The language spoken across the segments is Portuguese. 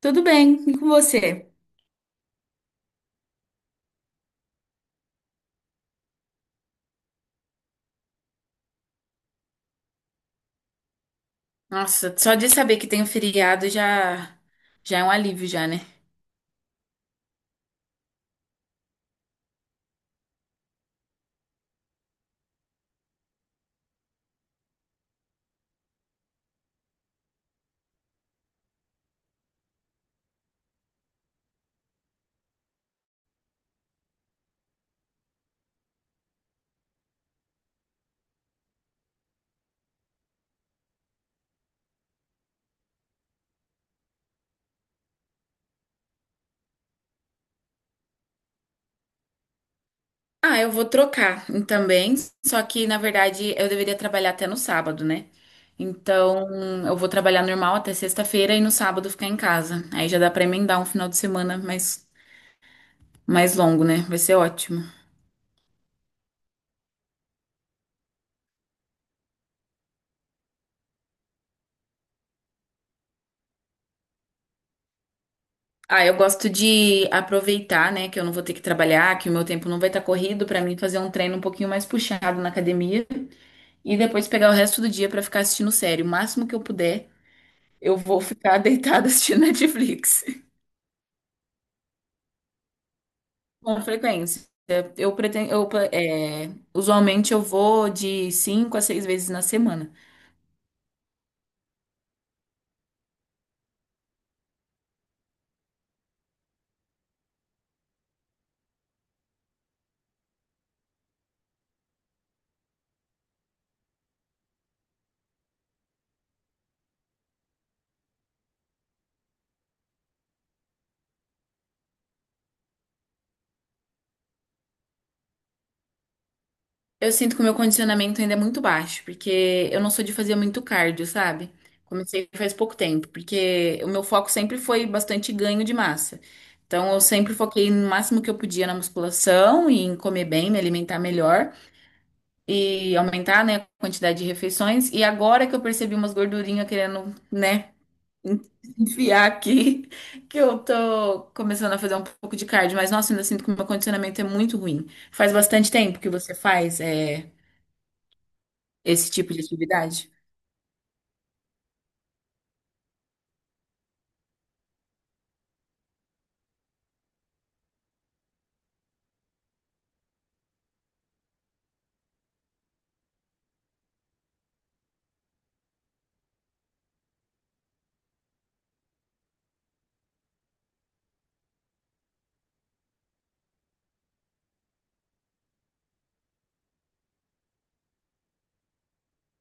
Tudo bem, e com você? Nossa, só de saber que tem um feriado já, já é um alívio já, né? Ah, eu vou trocar também, só que na verdade eu deveria trabalhar até no sábado, né? Então, eu vou trabalhar normal até sexta-feira e no sábado ficar em casa. Aí já dá pra emendar um final de semana mais longo, né? Vai ser ótimo. Ah, eu gosto de aproveitar, né, que eu não vou ter que trabalhar, que o meu tempo não vai estar corrido pra mim fazer um treino um pouquinho mais puxado na academia. E depois pegar o resto do dia pra ficar assistindo série. O máximo que eu puder, eu vou ficar deitada assistindo Netflix. Com frequência. Eu pretendo, eu, é, Usualmente eu vou de cinco a seis vezes na semana. Eu sinto que o meu condicionamento ainda é muito baixo, porque eu não sou de fazer muito cardio, sabe? Comecei faz pouco tempo, porque o meu foco sempre foi bastante ganho de massa. Então eu sempre foquei no máximo que eu podia na musculação e em comer bem, me alimentar melhor. E aumentar, né, a quantidade de refeições. E agora que eu percebi umas gordurinhas querendo, né, enfiar aqui, que eu tô começando a fazer um pouco de cardio, mas nossa, ainda sinto que o meu condicionamento é muito ruim. Faz bastante tempo que você faz, é, esse tipo de atividade?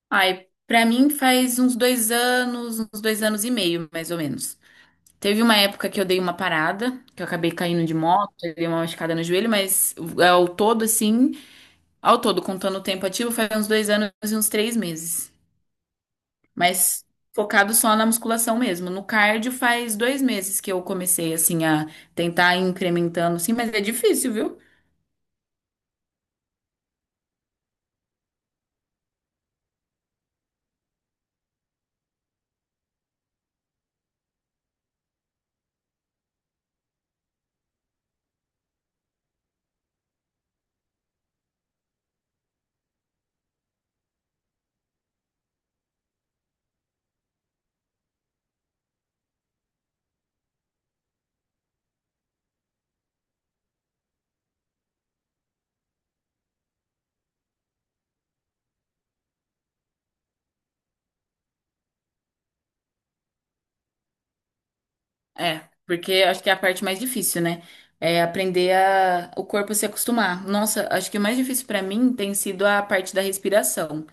Ai, pra mim faz uns dois anos e meio, mais ou menos. Teve uma época que eu dei uma parada, que eu acabei caindo de moto, eu dei uma machucada no joelho, mas é, ao todo, assim, ao todo, contando o tempo ativo, faz uns dois anos e uns três meses. Mas focado só na musculação mesmo. No cardio faz dois meses que eu comecei, assim, a tentar ir incrementando, sim, mas é difícil, viu? É, porque eu acho que é a parte mais difícil, né? É aprender a, o corpo se acostumar. Nossa, acho que o mais difícil pra mim tem sido a parte da respiração.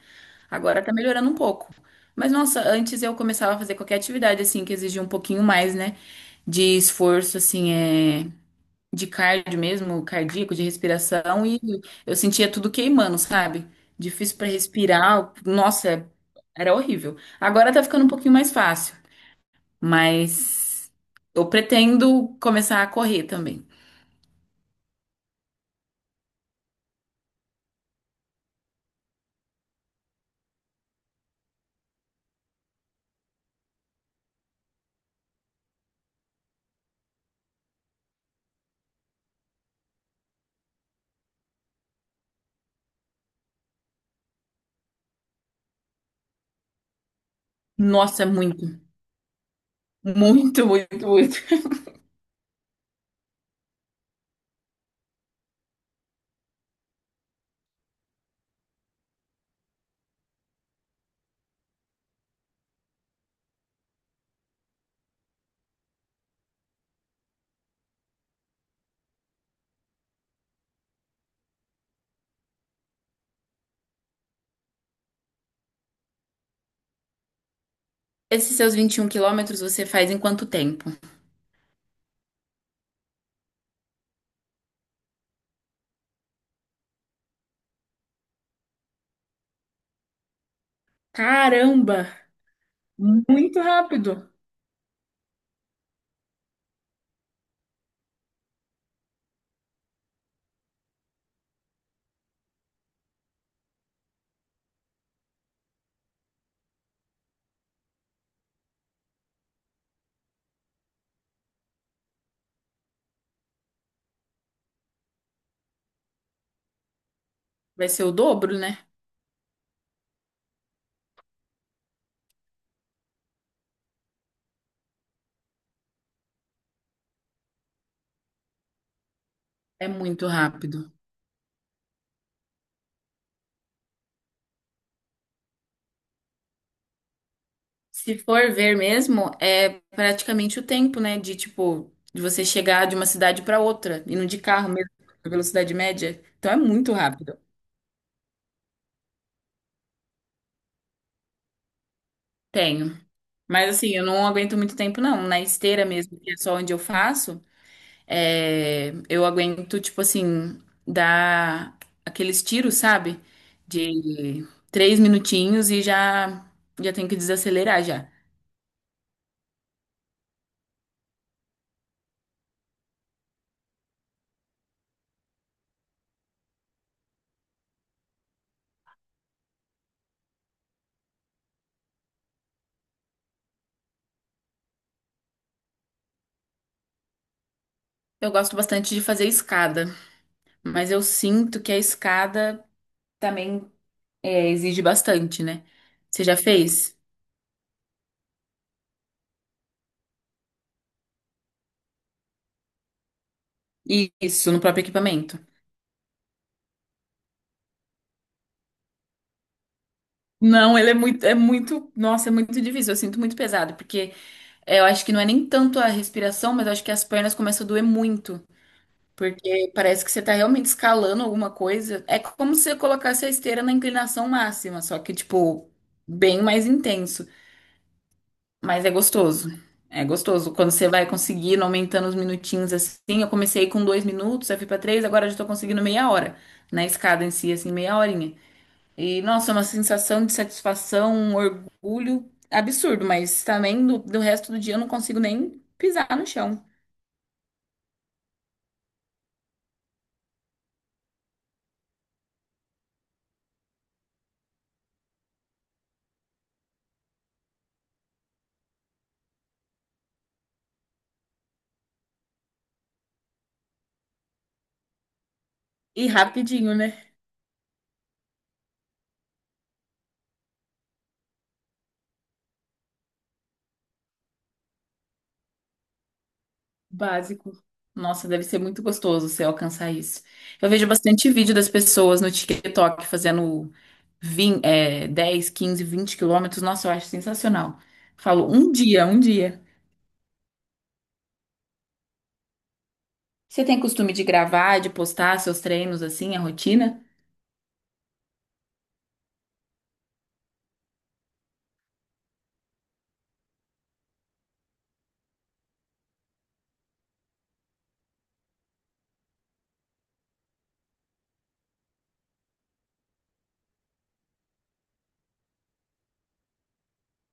Agora tá melhorando um pouco. Mas nossa, antes eu começava a fazer qualquer atividade assim que exigia um pouquinho mais, né? De esforço, assim, de cardio mesmo, cardíaco, de respiração, e eu sentia tudo queimando, sabe? Difícil para respirar, nossa, era horrível. Agora tá ficando um pouquinho mais fácil, mas eu pretendo começar a correr também. Nossa, é muito, muito, muito, muito. Esses seus 21 quilômetros você faz em quanto tempo? Caramba, muito rápido. Vai ser o dobro, né? É muito rápido. Se for ver mesmo, é praticamente o tempo, né? De tipo, de você chegar de uma cidade para outra, indo de carro mesmo, a velocidade média. Então é muito rápido. Tenho. Mas assim, eu não aguento muito tempo, não. Na esteira mesmo, que é só onde eu faço, é, eu aguento, tipo assim, dar aqueles tiros, sabe? De três minutinhos e já tenho que desacelerar já. Eu gosto bastante de fazer escada, mas eu sinto que a escada também. É, exige bastante, né? Você já fez? Isso, no próprio equipamento. Não, ele é muito, nossa, é muito difícil. Eu sinto muito pesado, porque é, eu acho que não é nem tanto a respiração, mas eu acho que as pernas começam a doer muito, porque parece que você tá realmente escalando alguma coisa. É como se você colocasse a esteira na inclinação máxima, só que, tipo, bem mais intenso. Mas é gostoso. É gostoso. Quando você vai conseguindo, aumentando os minutinhos assim. Eu comecei com dois minutos, aí fui pra três, agora eu já tô conseguindo meia hora. Na escada em si, assim, meia horinha. E, nossa, é uma sensação de satisfação, um orgulho absurdo, mas também do, do resto do dia eu não consigo nem pisar no chão. E rapidinho, né? Básico. Nossa, deve ser muito gostoso você alcançar isso. Eu vejo bastante vídeo das pessoas no TikTok fazendo 20, é, 10, 15, 20 quilômetros. Nossa, eu acho sensacional. Falo, um dia, um dia. Você tem costume de gravar, de postar seus treinos assim, a rotina?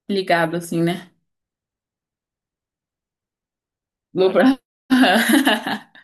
Ligado assim, né? Vou pra-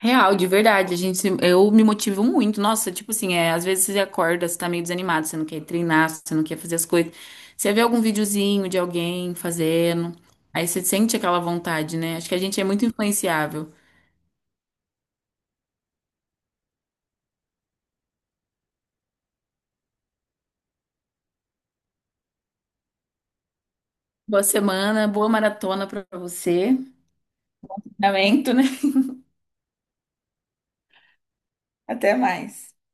Real, de verdade, a gente, eu me motivo muito. Nossa, tipo assim, é, às vezes você acorda, você tá meio desanimado, você não quer treinar, você não quer fazer as coisas. Você vê algum videozinho de alguém fazendo, aí você sente aquela vontade, né? Acho que a gente é muito influenciável. Boa semana, boa maratona pra você. Lamento, né? Até mais.